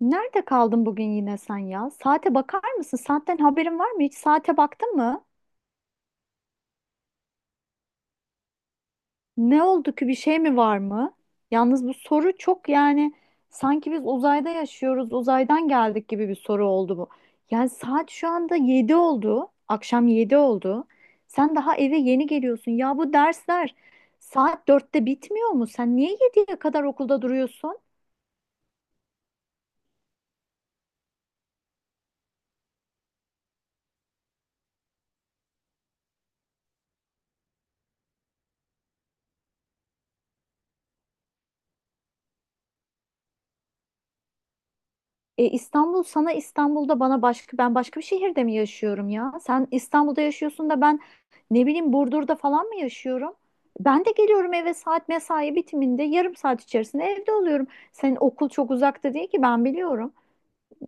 Nerede kaldın bugün yine sen ya? Saate bakar mısın? Saatten haberin var mı? Hiç saate baktın mı? Ne oldu ki? Bir şey mi var mı? Yalnız bu soru çok yani sanki biz uzayda yaşıyoruz, uzaydan geldik gibi bir soru oldu bu. Yani saat şu anda 7 oldu. Akşam 7 oldu. Sen daha eve yeni geliyorsun. Ya bu dersler saat dörtte bitmiyor mu? Sen niye yediye kadar okulda duruyorsun? E, İstanbul sana İstanbul'da bana başka ben başka bir şehirde mi yaşıyorum ya? Sen İstanbul'da yaşıyorsun da ben ne bileyim Burdur'da falan mı yaşıyorum? Ben de geliyorum eve saat mesai bitiminde yarım saat içerisinde evde oluyorum. Senin okul çok uzakta değil ki ben biliyorum.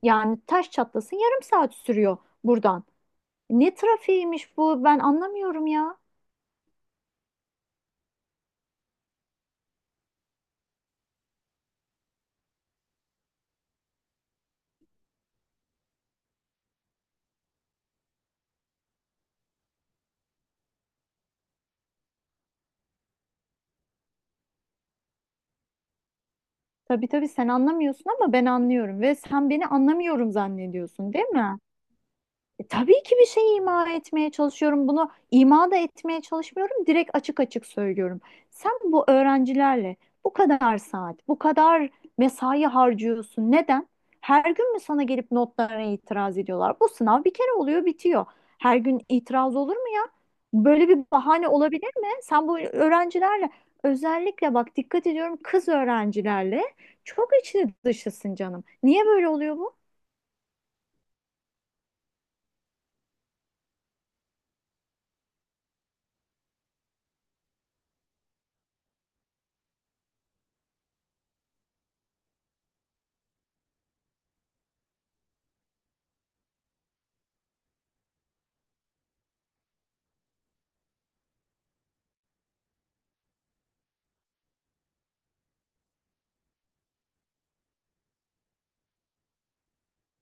Yani taş çatlasın yarım saat sürüyor buradan. Ne trafiğiymiş bu ben anlamıyorum ya. Tabii tabii sen anlamıyorsun ama ben anlıyorum ve sen beni anlamıyorum zannediyorsun değil mi? E, tabii ki bir şey ima etmeye çalışıyorum. Bunu ima da etmeye çalışmıyorum. Direkt açık açık söylüyorum. Sen bu öğrencilerle bu kadar saat, bu kadar mesai harcıyorsun. Neden? Her gün mü sana gelip notlarına itiraz ediyorlar? Bu sınav bir kere oluyor, bitiyor. Her gün itiraz olur mu ya? Böyle bir bahane olabilir mi? Sen bu öğrencilerle özellikle bak dikkat ediyorum kız öğrencilerle çok içli dışısın canım. Niye böyle oluyor bu?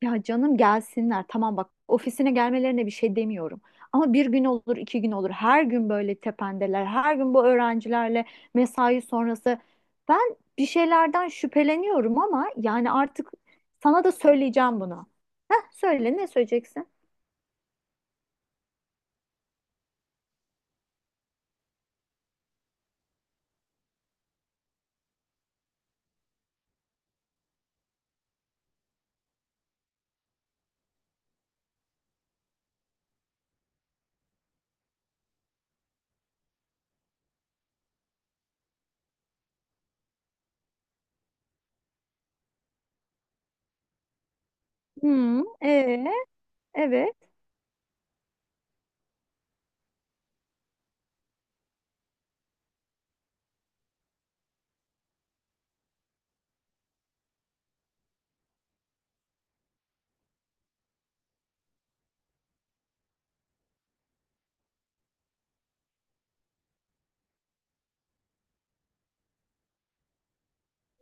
Ya canım gelsinler. Tamam bak ofisine gelmelerine bir şey demiyorum. Ama bir gün olur, iki gün olur. Her gün böyle tependeler. Her gün bu öğrencilerle mesai sonrası. Ben bir şeylerden şüpheleniyorum ama yani artık sana da söyleyeceğim bunu. Heh, söyle ne söyleyeceksin? Hmm, evet,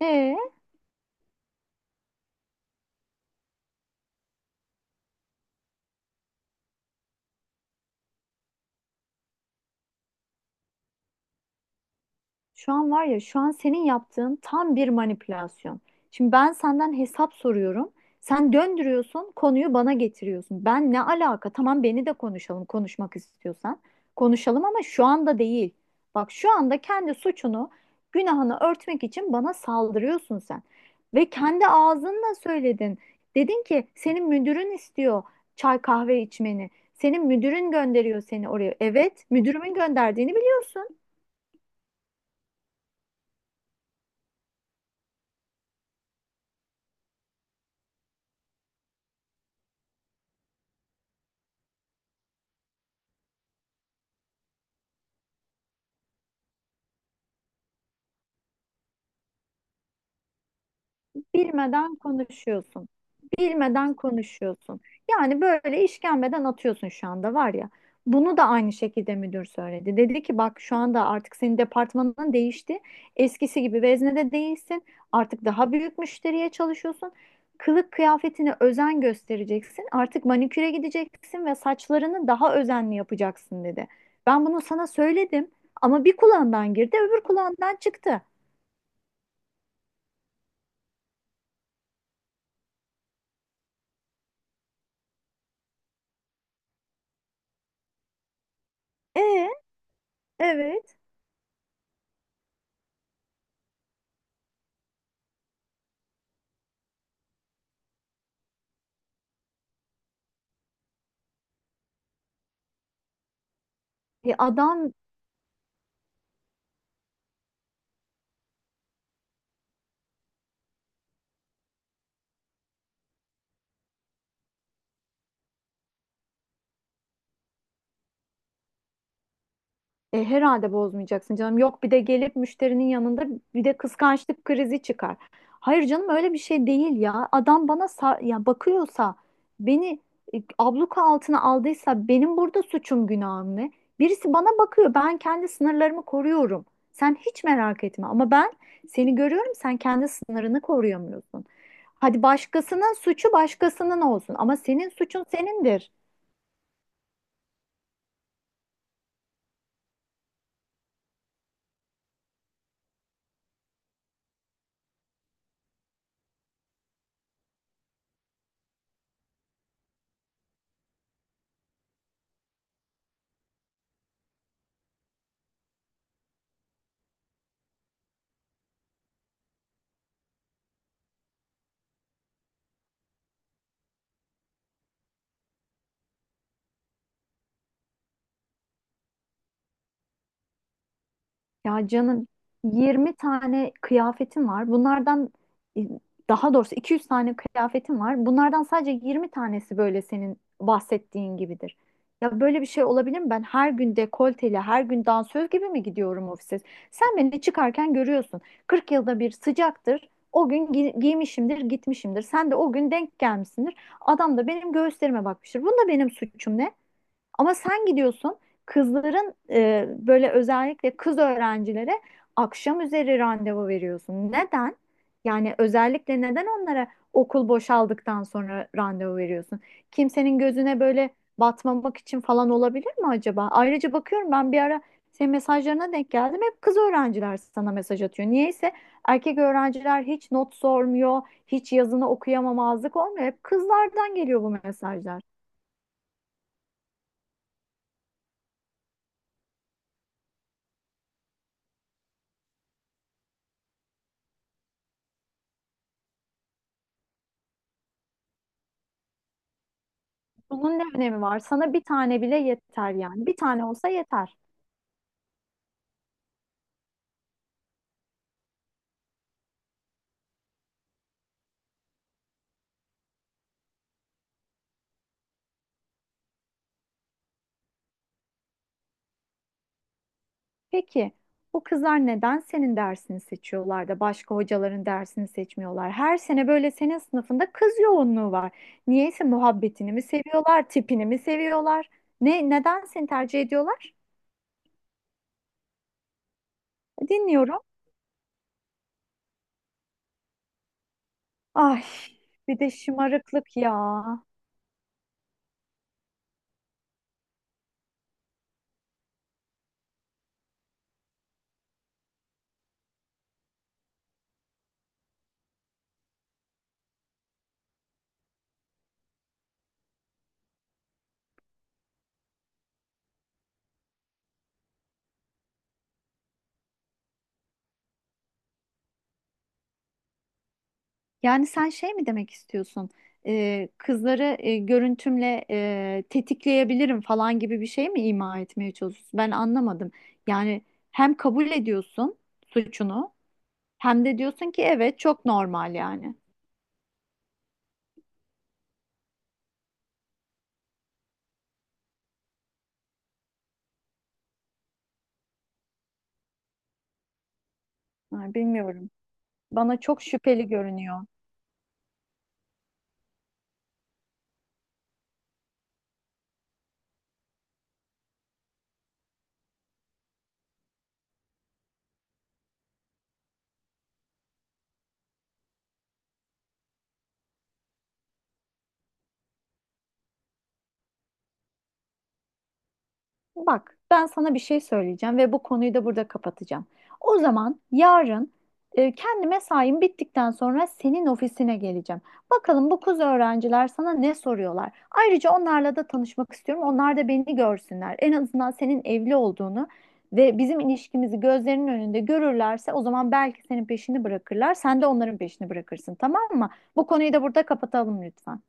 ee. Şu an var ya, şu an senin yaptığın tam bir manipülasyon. Şimdi ben senden hesap soruyorum. Sen döndürüyorsun, konuyu bana getiriyorsun. Ben ne alaka? Tamam beni de konuşalım, konuşmak istiyorsan. Konuşalım ama şu anda değil. Bak şu anda kendi suçunu, günahını örtmek için bana saldırıyorsun sen. Ve kendi ağzınla söyledin. Dedin ki senin müdürün istiyor çay kahve içmeni. Senin müdürün gönderiyor seni oraya. Evet, müdürümün gönderdiğini biliyorsun. Bilmeden konuşuyorsun. Bilmeden konuşuyorsun. Yani böyle işkembeden atıyorsun şu anda var ya. Bunu da aynı şekilde müdür söyledi. Dedi ki bak şu anda artık senin departmanın değişti. Eskisi gibi veznede değilsin. Artık daha büyük müşteriye çalışıyorsun. Kılık kıyafetine özen göstereceksin. Artık maniküre gideceksin ve saçlarını daha özenli yapacaksın dedi. Ben bunu sana söyledim ama bir kulağından girdi, öbür kulağından çıktı. E, evet. E, adam E, herhalde bozmayacaksın canım. Yok bir de gelip müşterinin yanında bir de kıskançlık krizi çıkar. Hayır canım öyle bir şey değil ya. Adam bana ya bakıyorsa beni abluka altına aldıysa benim burada suçum günahım ne? Birisi bana bakıyor. Ben kendi sınırlarımı koruyorum. Sen hiç merak etme ama ben seni görüyorum sen kendi sınırını koruyamıyorsun. Hadi başkasının suçu başkasının olsun ama senin suçun senindir. Ya canım 20 tane kıyafetim var. Bunlardan e, daha doğrusu 200 tane kıyafetim var. Bunlardan sadece 20 tanesi böyle senin bahsettiğin gibidir. Ya böyle bir şey olabilir mi? Ben her gün dekolteli, her gün dansöz gibi mi gidiyorum ofise? Sen beni çıkarken görüyorsun. 40 yılda bir sıcaktır. O gün giymişimdir, gitmişimdir. Sen de o gün denk gelmişsindir. Adam da benim göğüslerime bakmıştır. Bunda benim suçum ne? Ama sen gidiyorsun kızların böyle özellikle kız öğrencilere akşam üzeri randevu veriyorsun. Neden? Yani özellikle neden onlara okul boşaldıktan sonra randevu veriyorsun? Kimsenin gözüne böyle batmamak için falan olabilir mi acaba? Ayrıca bakıyorum ben bir ara senin mesajlarına denk geldim. Hep kız öğrenciler sana mesaj atıyor. Niyeyse erkek öğrenciler hiç not sormuyor, hiç yazını okuyamamazlık olmuyor. Hep kızlardan geliyor bu mesajlar. Bunun ne önemi var? Sana bir tane bile yeter yani. Bir tane olsa yeter. Peki bu kızlar neden senin dersini seçiyorlar da başka hocaların dersini seçmiyorlar? Her sene böyle senin sınıfında kız yoğunluğu var. Niyeyse muhabbetini mi seviyorlar, tipini mi seviyorlar? Ne, neden seni tercih ediyorlar? Dinliyorum. Ay bir de şımarıklık ya. Yani sen şey mi demek istiyorsun? Kızları görüntümle tetikleyebilirim falan gibi bir şey mi ima etmeye çalışıyorsun? Ben anlamadım. Yani hem kabul ediyorsun suçunu hem de diyorsun ki evet çok normal yani. Ha, bilmiyorum. Bana çok şüpheli görünüyor. Bak, ben sana bir şey söyleyeceğim ve bu konuyu da burada kapatacağım. O zaman yarın kendi mesaim bittikten sonra senin ofisine geleceğim. Bakalım bu kız öğrenciler sana ne soruyorlar. Ayrıca onlarla da tanışmak istiyorum. Onlar da beni görsünler. En azından senin evli olduğunu ve bizim ilişkimizi gözlerinin önünde görürlerse o zaman belki senin peşini bırakırlar. Sen de onların peşini bırakırsın, tamam mı? Bu konuyu da burada kapatalım lütfen.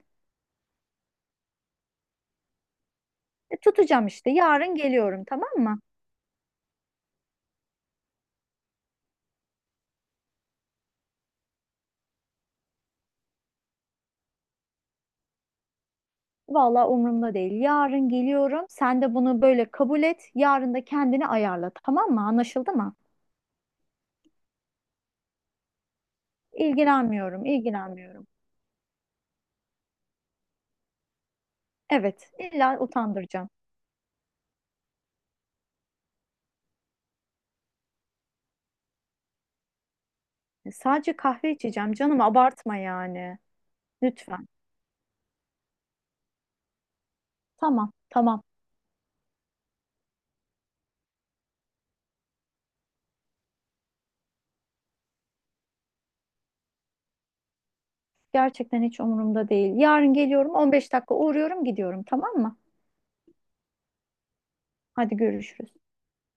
E, tutacağım işte. Yarın geliyorum, tamam mı? Vallahi umurumda değil. Yarın geliyorum. Sen de bunu böyle kabul et. Yarın da kendini ayarla. Tamam mı? Anlaşıldı mı? İlgilenmiyorum, ilgilenmiyorum. Evet, illa utandıracağım. Sadece kahve içeceğim canım. Abartma yani. Lütfen. Tamam, tamam. Gerçekten hiç umurumda değil. Yarın geliyorum. 15 dakika uğruyorum, gidiyorum. Tamam mı? Hadi görüşürüz.